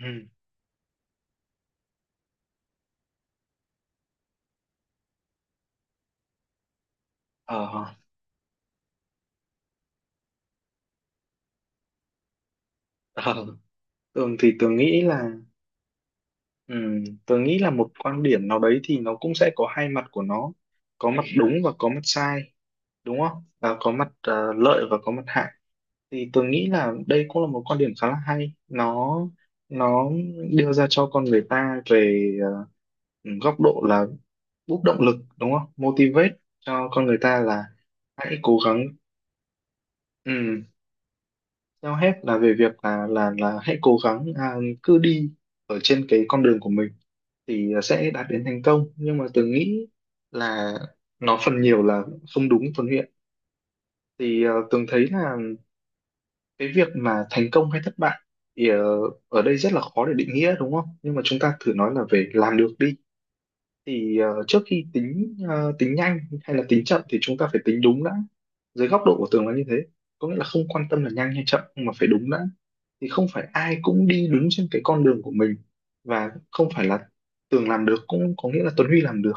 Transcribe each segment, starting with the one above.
Ừ. Ờ, ờ. Tường thì tường nghĩ là ừ, tường nghĩ là một quan điểm nào đấy thì nó cũng sẽ có hai mặt của nó, có mặt đúng và có mặt sai, đúng không, và có mặt lợi và có mặt hại. Thì tường nghĩ là đây cũng là một quan điểm khá là hay. Nó đưa ra cho con người ta về góc độ là bút động lực, đúng không, motivate cho con người ta là hãy cố gắng. ừ, Theo hết là về việc là hãy cố gắng à, cứ đi ở trên cái con đường của mình thì sẽ đạt đến thành công. Nhưng mà Tường nghĩ là nó phần nhiều là không đúng, Tuấn Huyện. Thì Tường thấy là cái việc mà thành công hay thất bại thì ở đây rất là khó để định nghĩa, đúng không, nhưng mà chúng ta thử nói là về làm được đi. Thì trước khi tính tính nhanh hay là tính chậm thì chúng ta phải tính đúng đã. Dưới góc độ của Tường là như thế, có nghĩa là không quan tâm là nhanh hay chậm nhưng mà phải đúng đã. Thì không phải ai cũng đi đúng trên cái con đường của mình, và không phải là Tường làm được cũng có nghĩa là Tuấn Huy làm được.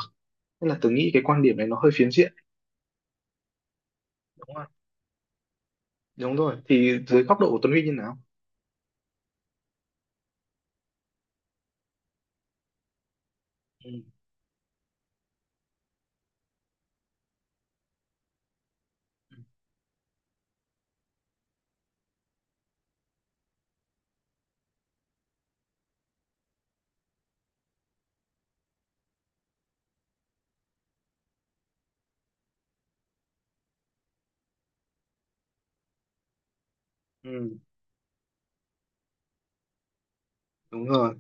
Nên là Tường nghĩ cái quan điểm này nó hơi phiến diện, đúng không? Đúng rồi, thì dưới góc độ của Tuấn Huy như nào? Ừ. Ừ, đúng rồi.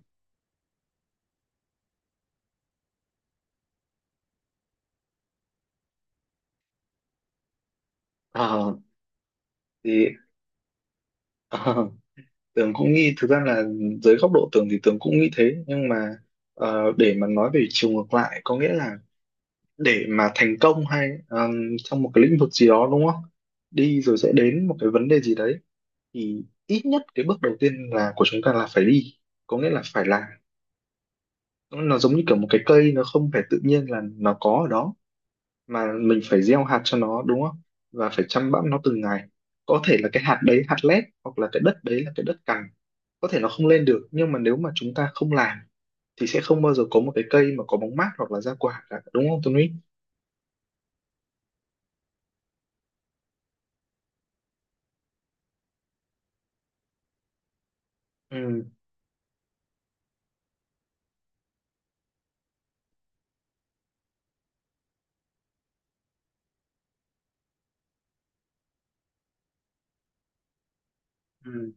Ờ, thì Tường cũng nghĩ thực ra là dưới góc độ Tường thì Tường cũng nghĩ thế. Nhưng mà để mà nói về chiều ngược lại, có nghĩa là để mà thành công hay trong một cái lĩnh vực gì đó, đúng không, đi rồi sẽ đến một cái vấn đề gì đấy, thì ít nhất cái bước đầu tiên là của chúng ta là phải đi, có nghĩa là phải làm. Nó giống như kiểu một cái cây, nó không phải tự nhiên là nó có ở đó mà mình phải gieo hạt cho nó, đúng không, và phải chăm bẵm nó từng ngày. Có thể là cái hạt đấy hạt lép hoặc là cái đất đấy là cái đất cằn, có thể nó không lên được. Nhưng mà nếu mà chúng ta không làm thì sẽ không bao giờ có một cái cây mà có bóng mát hoặc là ra quả cả, đúng không Tuấn Huy? Ừ. Ừ.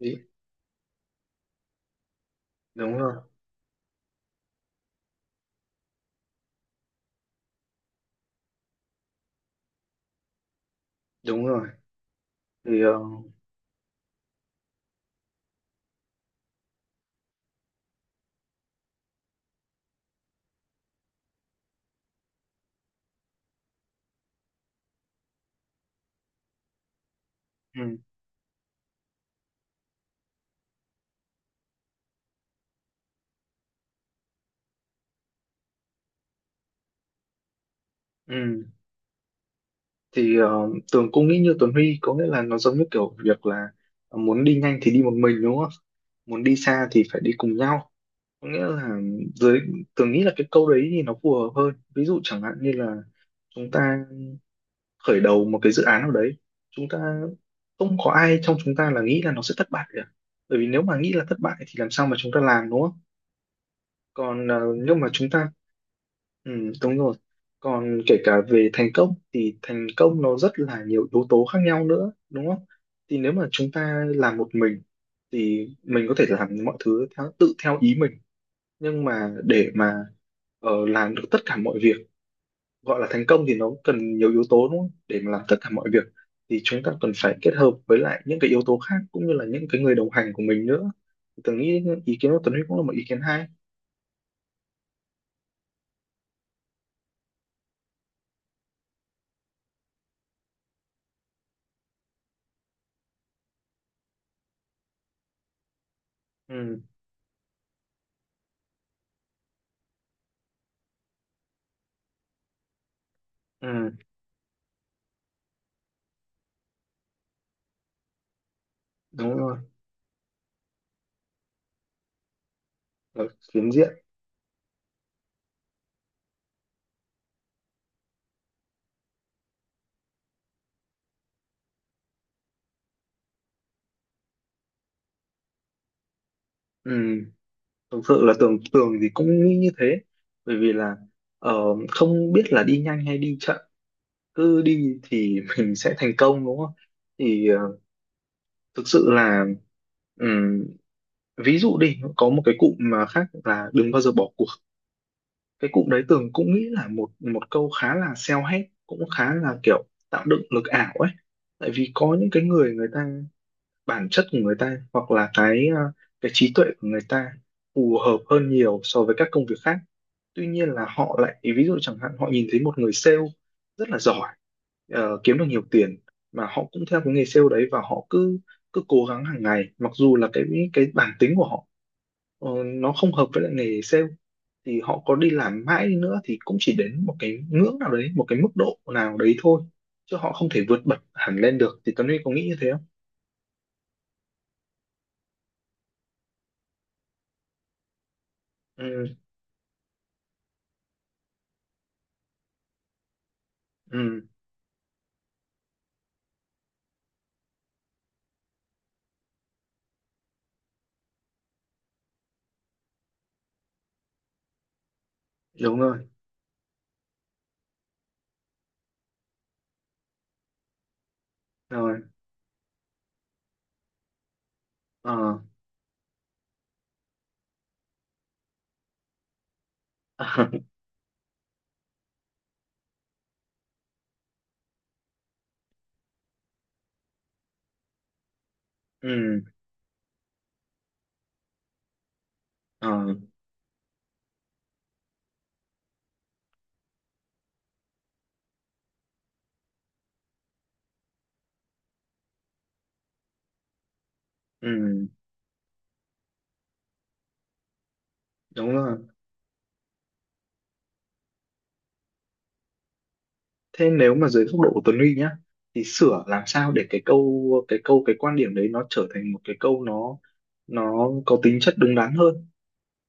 Ý, đúng rồi. Đúng rồi. Thì ừ, ừ. thì Tường cũng nghĩ như Tuấn Huy, có nghĩa là nó giống như kiểu việc là muốn đi nhanh thì đi một mình, đúng không, muốn đi xa thì phải đi cùng nhau. Có nghĩa là dưới Tường nghĩ là cái câu đấy thì nó phù hợp hơn. Ví dụ chẳng hạn như là chúng ta khởi đầu một cái dự án nào đấy, chúng ta không có ai trong chúng ta là nghĩ là nó sẽ thất bại cả, bởi vì nếu mà nghĩ là thất bại thì làm sao mà chúng ta làm, đúng không? Còn nếu mà chúng ta ừ, đúng rồi. Còn kể cả về thành công thì thành công nó rất là nhiều yếu tố khác nhau nữa, đúng không? Thì nếu mà chúng ta làm một mình thì mình có thể làm mọi thứ theo, tự theo ý mình. Nhưng mà để mà làm được tất cả mọi việc gọi là thành công thì nó cần nhiều yếu tố, đúng không? Để mà làm tất cả mọi việc thì chúng ta cần phải kết hợp với lại những cái yếu tố khác, cũng như là những cái người đồng hành của mình nữa. Thì Tớ nghĩ ý kiến của Tuấn Huy cũng là một ý kiến hay. Ừ, ừ, đúng rồi, ở phiến diện. Ừ, thực sự là tưởng tưởng thì cũng nghĩ như thế. Bởi vì là ờ, không biết là đi nhanh hay đi chậm, cứ đi thì mình sẽ thành công, đúng không? Thì thực sự là ừm, ví dụ đi có một cái cụm mà khác là đừng bao giờ bỏ cuộc. Cái cụm đấy Tường cũng nghĩ là một một câu khá là self-help, cũng khá là kiểu tạo dựng lực ảo ấy. Tại vì có những cái người người ta, bản chất của người ta hoặc là cái cái trí tuệ của người ta phù hợp hơn nhiều so với các công việc khác. Tuy nhiên là họ lại, ví dụ chẳng hạn, họ nhìn thấy một người sale rất là giỏi, ờ, kiếm được nhiều tiền, mà họ cũng theo cái nghề sale đấy và họ cứ cứ cố gắng hàng ngày. Mặc dù là cái bản tính của họ, nó không hợp với lại nghề sale, thì họ có đi làm mãi đi nữa thì cũng chỉ đến một cái ngưỡng nào đấy, một cái mức độ nào đấy thôi, chứ họ không thể vượt bật hẳn lên được. Thì Tuấn Huy có nghĩ như thế không? Ừ, ừ, đúng rồi rồi. ờ ừ, ờ, ừ, đúng rồi. Thế nếu mà dưới góc độ của Tuấn Huy nhá, thì sửa làm sao để cái quan điểm đấy nó trở thành một cái câu nó có tính chất đúng đắn hơn,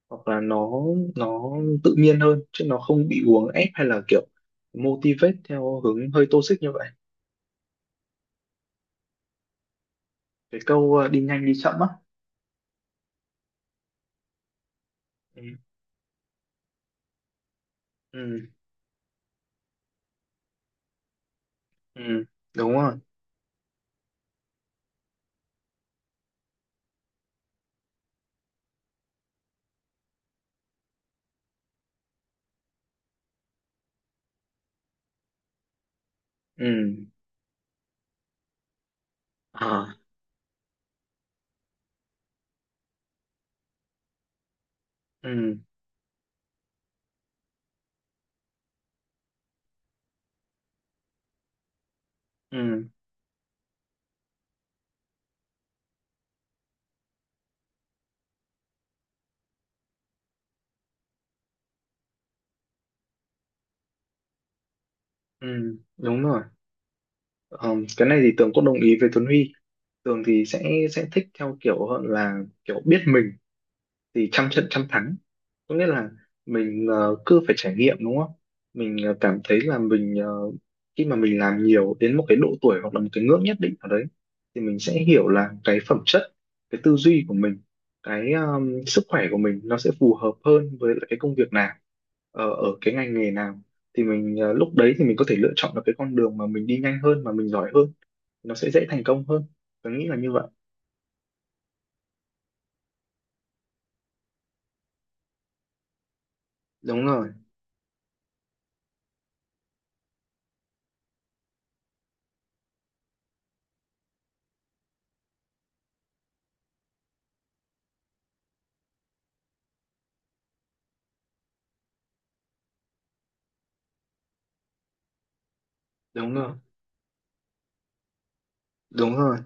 hoặc là nó tự nhiên hơn chứ nó không bị uốn ép hay là kiểu motivate theo hướng hơi toxic như vậy. Cái câu đi nhanh đi chậm á. Ừ, ừ, ừ, đúng rồi. Ừ, à, ừ, ừ, ừ, đúng rồi. Ờ, cái này thì Tường cũng đồng ý với Tuấn Huy. Tường thì sẽ thích theo kiểu hơn là kiểu biết mình thì trăm trận trăm thắng, có nghĩa là mình cứ phải trải nghiệm, đúng không? Mình cảm thấy là mình khi mà mình làm nhiều đến một cái độ tuổi hoặc là một cái ngưỡng nhất định ở đấy thì mình sẽ hiểu là cái phẩm chất, cái tư duy của mình, cái sức khỏe của mình, nó sẽ phù hợp hơn với lại cái công việc nào, ở cái ngành nghề nào. Thì mình, lúc đấy thì mình có thể lựa chọn được cái con đường mà mình đi nhanh hơn, mà mình giỏi hơn, nó sẽ dễ thành công hơn. Tôi nghĩ là như vậy. Đúng rồi. Đúng rồi. Đúng rồi.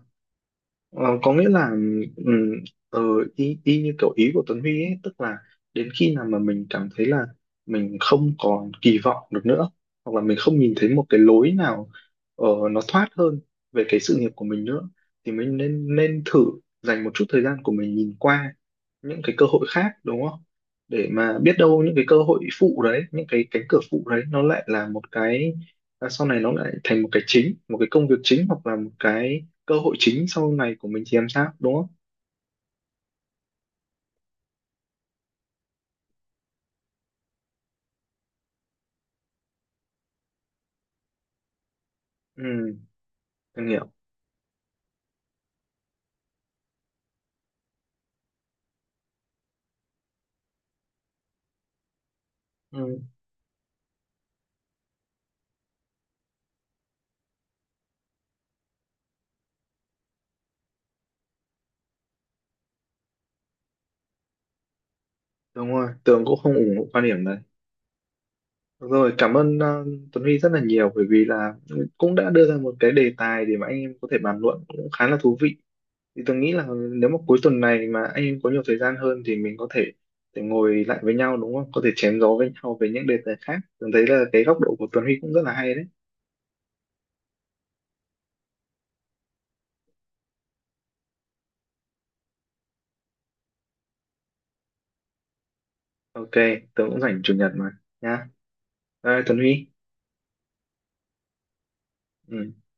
Ờ, có nghĩa là ừm, ờ, y, y như kiểu ý của Tuấn Huy ấy, tức là đến khi nào mà mình cảm thấy là mình không còn kỳ vọng được nữa, hoặc là mình không nhìn thấy một cái lối nào nó thoát hơn về cái sự nghiệp của mình nữa, thì mình nên nên thử dành một chút thời gian của mình nhìn qua những cái cơ hội khác, đúng không? Để mà biết đâu những cái cơ hội phụ đấy, những cái cánh cửa phụ đấy, nó lại là một cái, là sau này nó lại thành một cái chính, một cái công việc chính, hoặc là một cái cơ hội chính sau này của mình thì làm sao, đúng không? Ừ. Tường hiểu. Ừ, đúng rồi, Tường cũng không ủng hộ quan điểm đấy. Được rồi, cảm ơn Tuấn Huy rất là nhiều, bởi vì là cũng đã đưa ra một cái đề tài để mà anh em có thể bàn luận, cũng khá là thú vị. Thì Tường nghĩ là nếu mà cuối tuần này mà anh em có nhiều thời gian hơn thì mình có thể để ngồi lại với nhau, đúng không, có thể chém gió với nhau về những đề tài khác. Tường thấy là cái góc độ của Tuấn Huy cũng rất là hay đấy. Ok, Tường cũng rảnh chủ nhật mà. Nha, bye Tuấn Huy. Ừ.